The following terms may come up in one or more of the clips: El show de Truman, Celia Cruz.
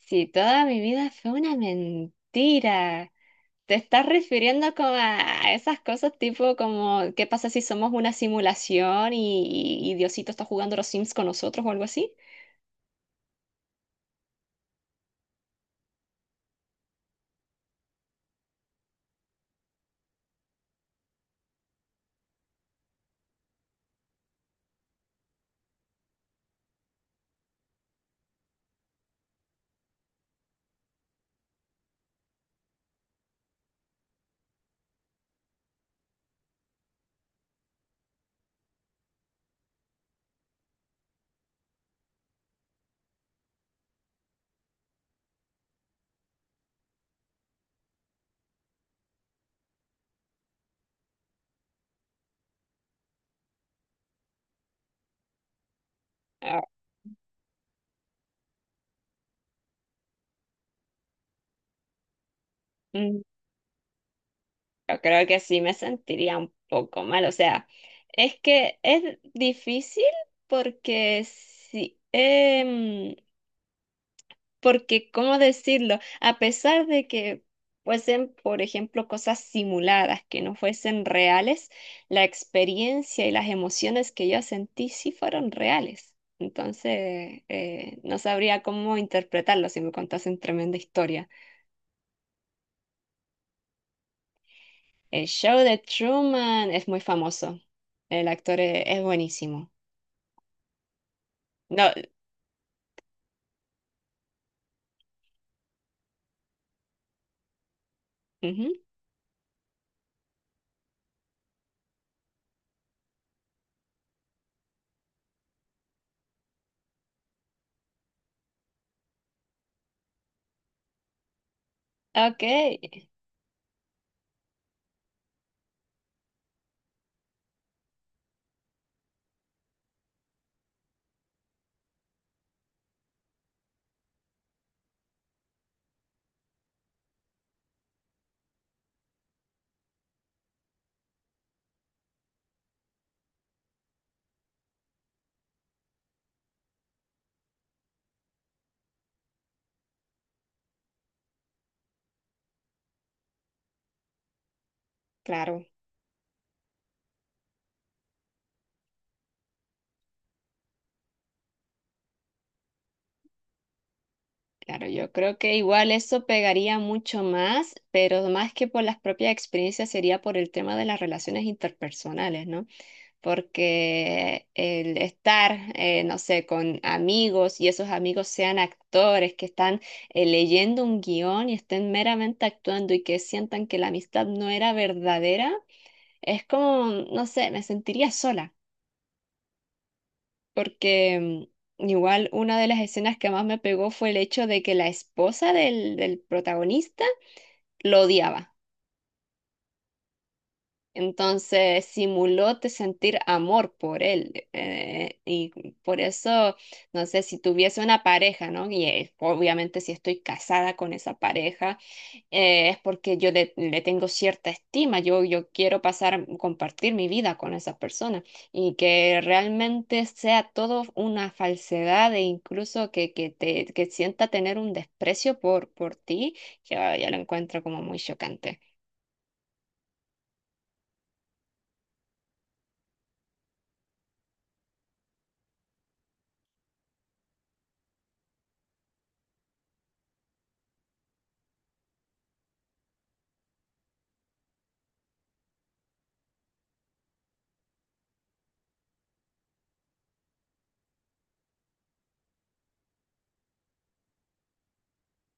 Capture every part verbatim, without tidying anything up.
Si toda mi vida fue una mentira. Te estás refiriendo como a esas cosas tipo como, ¿qué pasa si somos una simulación y, y Diosito está jugando a los Sims con nosotros o algo así? Ah, mm, yo creo que sí me sentiría un poco mal. O sea, es que es difícil porque sí porque, ¿cómo decirlo? A pesar de que fuesen, por ejemplo, cosas simuladas, que no fuesen reales, la experiencia y las emociones que yo sentí sí fueron reales. Entonces, eh, no sabría cómo interpretarlo si me contasen tremenda historia. El show de Truman es muy famoso. El actor e- es buenísimo. No, ujú, ok, claro. Claro, yo creo que igual eso pegaría mucho más, pero más que por las propias experiencias sería por el tema de las relaciones interpersonales, ¿no? Porque el estar, eh, no sé, con amigos y esos amigos sean actores que están eh, leyendo un guión y estén meramente actuando y que sientan que la amistad no era verdadera, es como, no sé, me sentiría sola porque mm, igual una de las escenas que más me pegó fue el hecho de que la esposa del, del protagonista lo odiaba. Entonces simuló te sentir amor por él. eh, y por eso, no sé, si tuviese una pareja, ¿no? Y eh, obviamente si estoy casada con esa pareja. Eh, es porque yo le, le tengo cierta estima, yo, yo quiero pasar, compartir mi vida con esa persona y que realmente sea todo una falsedad e incluso que, que, te, que sienta tener un desprecio por, por ti, ya, ya lo encuentro como muy chocante.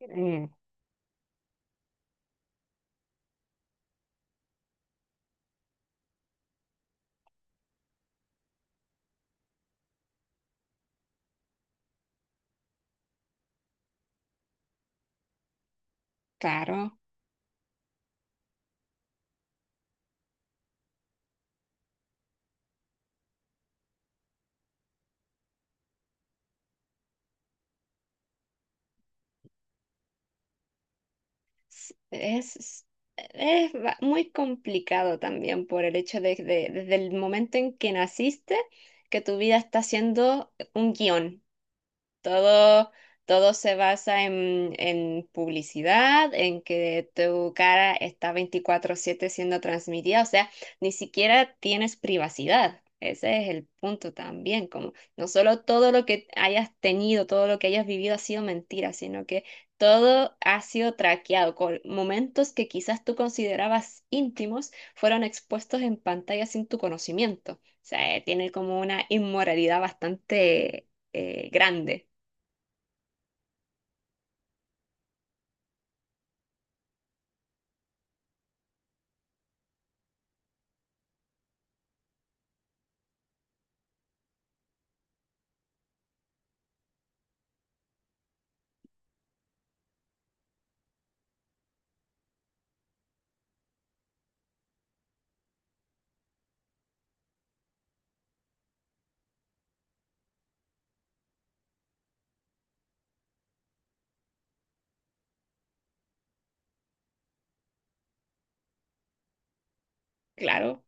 Mm, claro, s- es... es- es ba- muy complicado también por el hecho de, de- desde el momento en que naciste, que tu vida está siendo un guión. Todo, todo se basa en, en publicidad, en que tu cara está veinticuatro siete siendo transmitida. O sea, ni siquiera tienes privacidad. Ese es el punto también, como no solo todo lo que hayas tenido, todo lo que hayas vivido ha sido mentira, sino que todo ha sido traqueado, con momentos que quizás tú considerabas íntimos fueron expuestos en pantalla sin tu conocimiento. O sea, eh, tiene como una inmoralidad bastante eh, grande. Claro,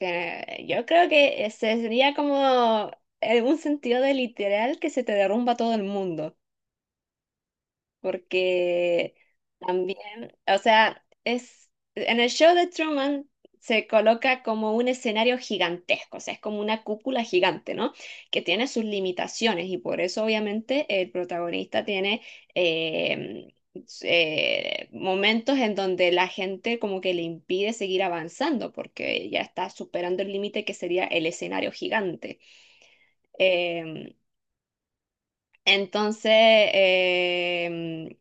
eh, yo creo que ese sería como en un sentido de literal que se te derrumba todo el mundo. Porque también, o sea, es en el show de Truman se coloca como un escenario gigantesco, o sea, es como una cúpula gigante, ¿no? Que tiene sus limitaciones y por eso obviamente el protagonista tiene eh, eh, momentos en donde la gente como que le impide seguir avanzando porque ya está superando el límite que sería el escenario gigante. Em, entonces, em,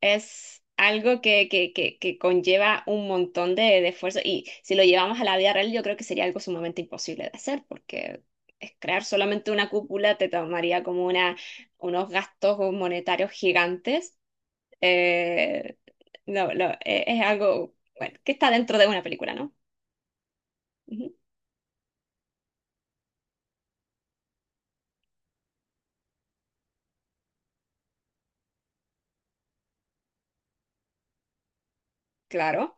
es algo que, que, que, que conlleva un montón de, de esfuerzo y si lo llevamos a la vida real, yo creo que sería algo sumamente imposible de hacer porque es crear solamente una cúpula te tomaría como una, unos gastos monetarios gigantes. Eh, no, no, eh, es algo, bueno, que está dentro de una película, ¿no? Ujú. Claro.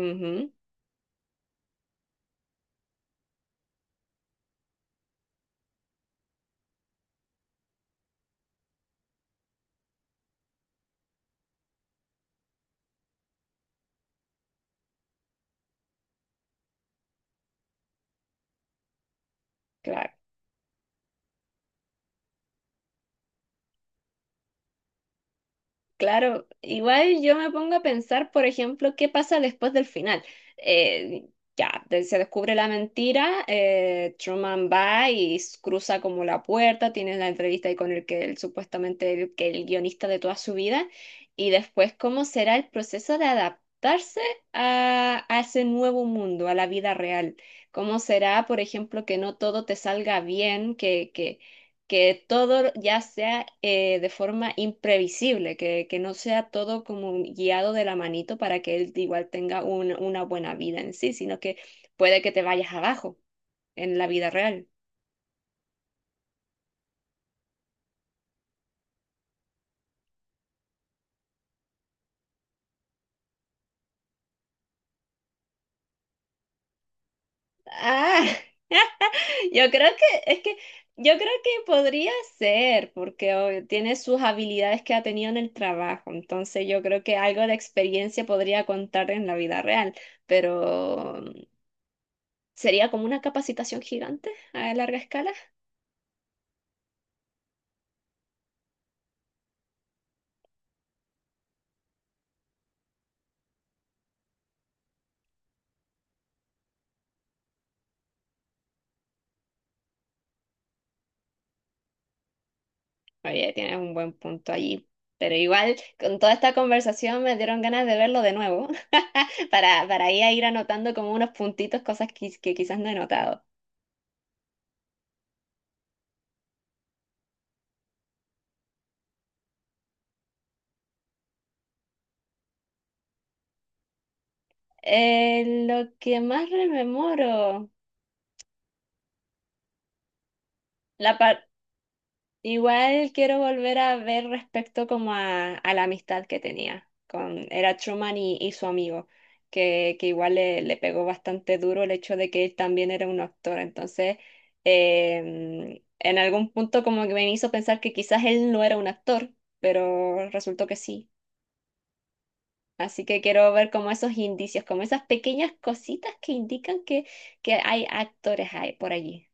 Ujú, claro. Claro, igual yo me pongo a pensar, por ejemplo, qué pasa después del final. Eh, ya, de- se descubre la mentira. eh, Truman va y s- cruza como la puerta, tiene la entrevista ahí con el que él supuestamente el, que el guionista de toda su vida, y después cómo será el proceso de adaptarse a, a ese nuevo mundo, a la vida real. Cómo será, por ejemplo, que no todo te salga bien, que, que que todo ya sea eh, de forma imprevisible, que, que no sea todo como guiado de la manito para que él igual tenga un- una buena vida en sí, sino que puede que te vayas abajo en la vida real. Ah, yo creo que es que yo creo que podría ser, porque oh, tiene sus habilidades que ha tenido en el trabajo, entonces yo creo que algo de experiencia podría contar en la vida real, pero mm, sería como una capacitación gigante a larga escala. Oye, tienes un buen punto allí. Pero igual, con toda esta conversación me dieron ganas de verlo de nuevo, para, para ahí a ir anotando como unos puntitos, cosas que, que quizás no he notado. Eh, lo que más rememoro, la, par- igual quiero volver a ver respecto como a, a la amistad que tenía con, era Truman y, y su amigo, que, que igual le, le pegó bastante duro el hecho de que él también era un actor. Entonces, eh, en algún punto como que me hizo pensar que quizás él no era un actor, pero resultó que sí. Así que quiero ver como esos indicios, como esas pequeñas cositas que indican que, que hay actores ahí por allí.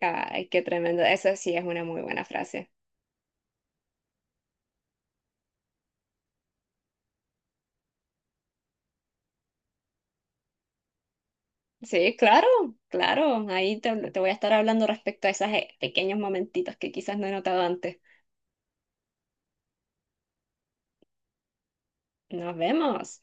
Ay, qué tremendo. Eso sí es una muy buena frase. Sí, claro, claro. Ahí te, te voy a estar hablando respecto a esos eh, pequeños momentitos que quizás no he notado antes. Nos vemos.